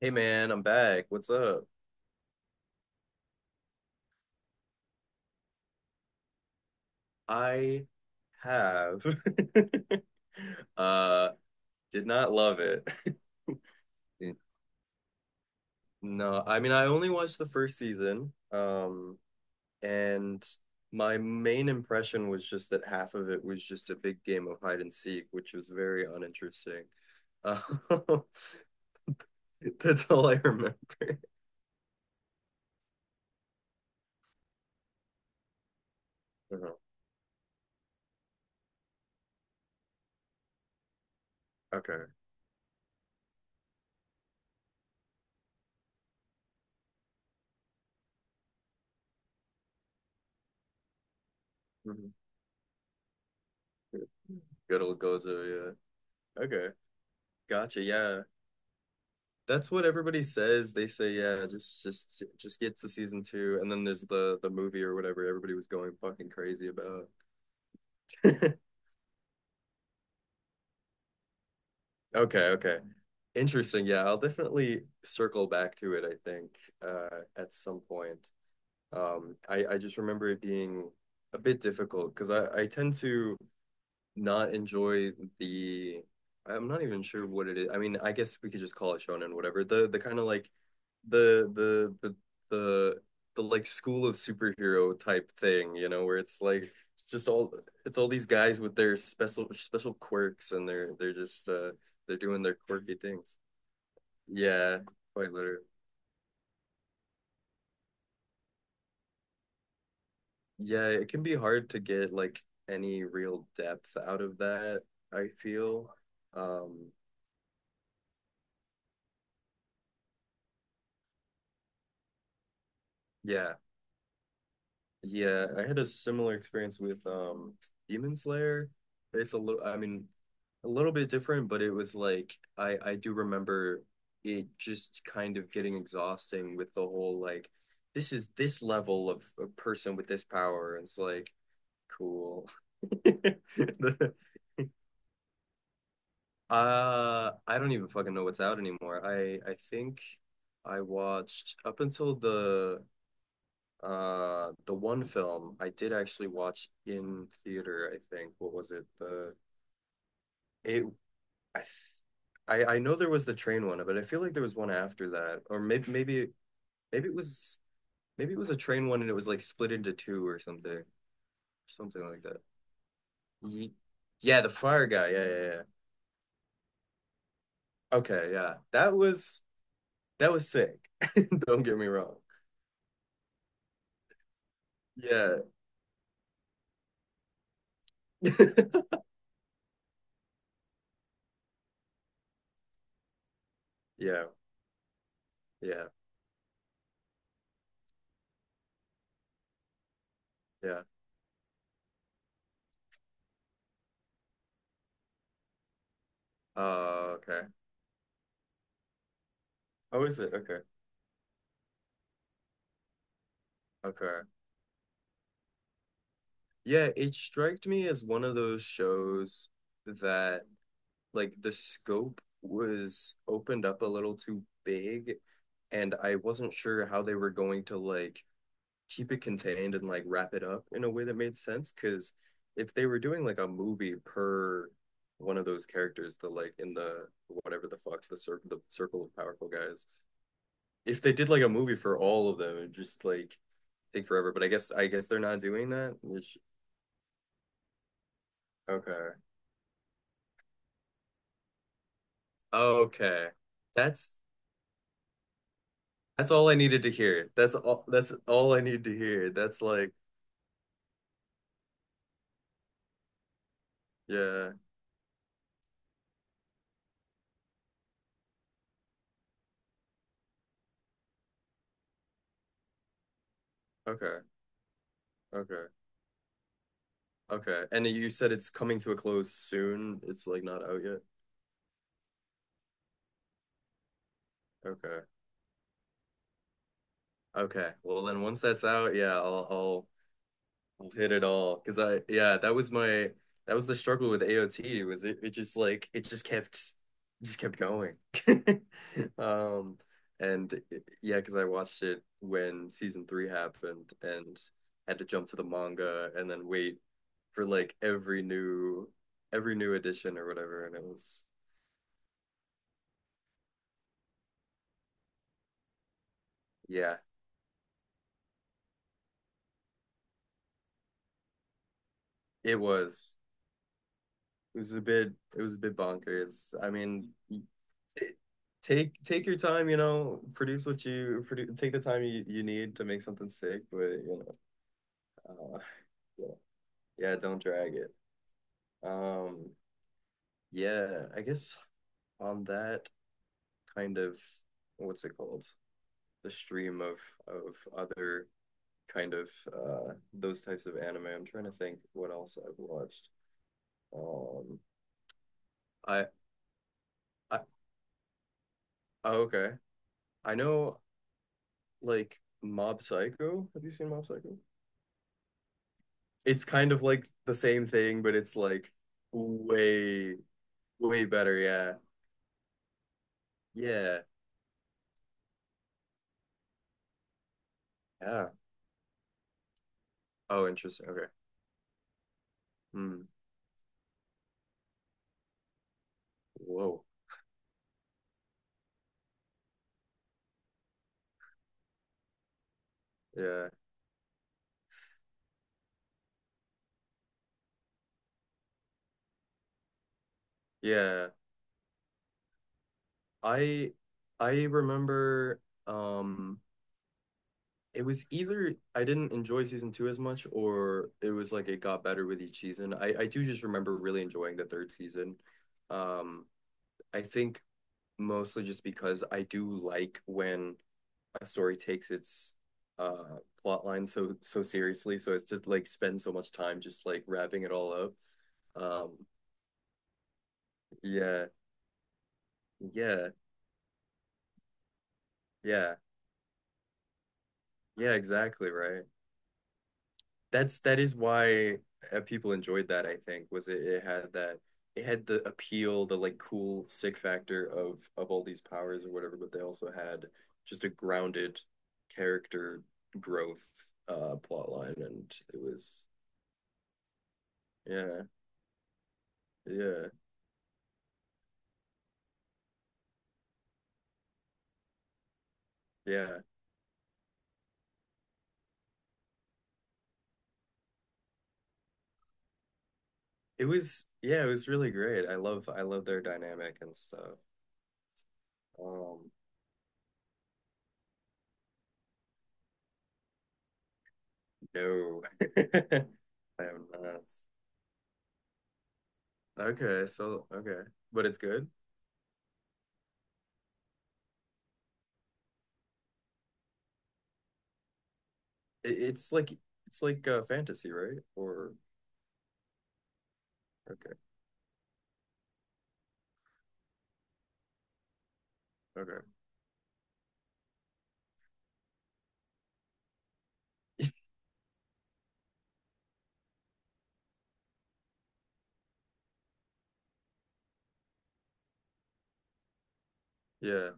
Hey man, I'm back. What's up? I have uh did not love it. No, I mean I only watched the first season. And my main impression was just that half of it was just a big game of hide and seek, which was very uninteresting. Uh, that's all I remember. Uh-huh. Okay. Mhm. Good old Gojo, yeah. Okay. Gotcha, yeah. That's what everybody says. They say, yeah, just get to season two, and then there's the movie or whatever everybody was going fucking crazy about. Okay, okay. Interesting. Yeah, I'll definitely circle back to it, I think, at some point. I just remember it being a bit difficult because I tend to not enjoy the I'm not even sure what it is. I mean, I guess we could just call it shonen, whatever. The kind of like the the the the the like school of superhero type thing, you know, where it's like it's just all it's all these guys with their special quirks and they're just they're doing their quirky things. Yeah, quite literally. Yeah, it can be hard to get like any real depth out of that, I feel. Um, yeah. Yeah, I had a similar experience with Demon Slayer. It's a little, I mean, a little bit different, but it was like I do remember it just kind of getting exhausting with the whole like this is this level of a person with this power. And it's like cool. The- I don't even fucking know what's out anymore. I think I watched up until the one film I did actually watch in theater, I think. What was it? The it I I know there was the train one, but I feel like there was one after that. Or maybe maybe maybe it was maybe it was a train one and it was like split into two or something. Something like that. Ye- yeah, the fire guy. Yeah, yeah, yeah. Okay, yeah. That was sick. Don't get me wrong. Yeah. Yeah, yeah, yeah. Okay. Oh, is it? Okay. Okay. Yeah, it struck me as one of those shows that like the scope was opened up a little too big, and I wasn't sure how they were going to like keep it contained and like wrap it up in a way that made sense. Because if they were doing like a movie per one of those characters, the like in the whatever the fuck the circle of powerful guys, if they did like a movie for all of them, it'd just like take forever. But I guess they're not doing that. Which okay. Okay. That's that's all I needed to hear. That's all I need to hear. That's like, yeah. Okay. Okay. Okay. And you said it's coming to a close soon. It's like not out yet. Okay. Okay. Well, then once that's out, yeah, I'll hit it all because I yeah that was my that was the struggle with AOT was it just like it just kept going um and yeah because I watched it when season three happened and had to jump to the manga and then wait for like every new edition or whatever and it was yeah it was it was a bit it was a bit bonkers I mean take your time, you know, produce what you produ take the time you need to make something sick, but you know, yeah, yeah, don't drag it. Um, yeah, I guess on that kind of what's it called? The stream of other kind of those types of anime. I'm trying to think what else I've watched. Um, I I oh, okay. I know like Mob Psycho. Have you seen Mob Psycho? It's kind of like the same thing, but it's like way, way better. Yeah. Yeah. Yeah. Oh, interesting. Okay. Hmm. Whoa. Yeah. Yeah. I I remember um it was either I didn't enjoy season two as much or it was like it got better with each season. I do just remember really enjoying the third season. Um I think mostly just because I do like when story takes its plot line so seriously so it's just like spend so much time just like wrapping it all up um yeah yeah yeah yeah exactly right that is why people enjoyed that I think was it had that it had the appeal the like cool sick factor of all these powers or whatever but they also had just a grounded character growth plot line and it was yeah yeah yeah. It was yeah, it was really great. I love their dynamic and stuff. Um, no, I am not. Okay, so okay, but it's good. It's like it's like fantasy, right? Or okay, okay, yeah,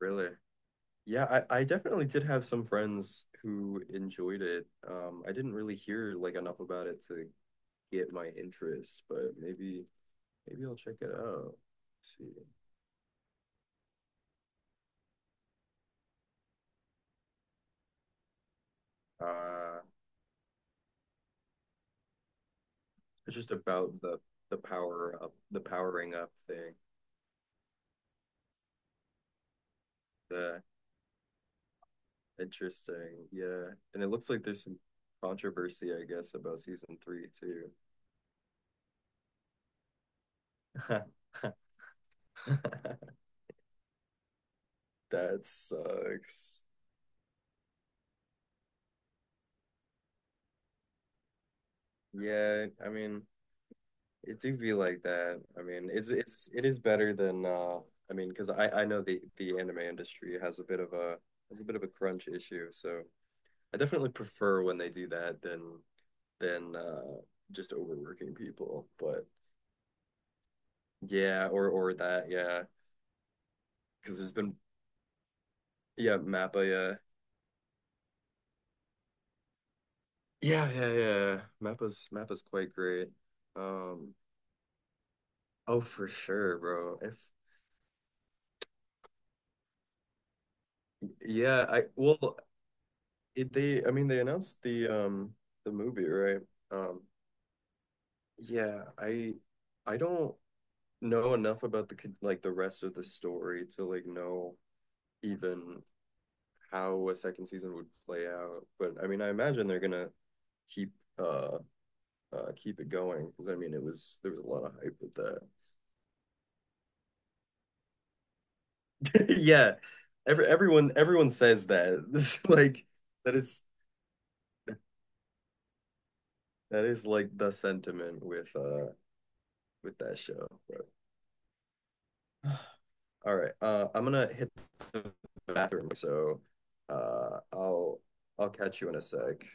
really. Yeah, I definitely did have some friends who enjoyed it. I didn't really hear like enough about it to get my interest, but maybe I'll check it out. Let's see. Uh It's just about the power up, the powering up thing. The interesting, yeah. And it looks like there's some controversy, I guess, about season three too. That sucks. Yeah, I mean, it do be like that. I mean, it is better than I mean, because I know the anime industry has a bit of a has a bit of a crunch issue, so I definitely prefer when they do that than than just overworking people. But yeah, or that, yeah. Because there's been yeah, Mappa, yeah. Yeah, yeah, yeah. Mappa's quite great. Um, oh for sure, bro. If yeah, I well it, they I mean they announced the movie, right? Um yeah, I don't know enough about the like the rest of the story to like know even how a second season would play out. But I mean I imagine they're gonna keep uh keep it going because I mean it was there was a lot of hype with that. yeah, everyone everyone says that. This is like that is that is like the sentiment with that show. But, all right, I'm gonna hit the bathroom, so uh, I'll I'll catch you in a sec.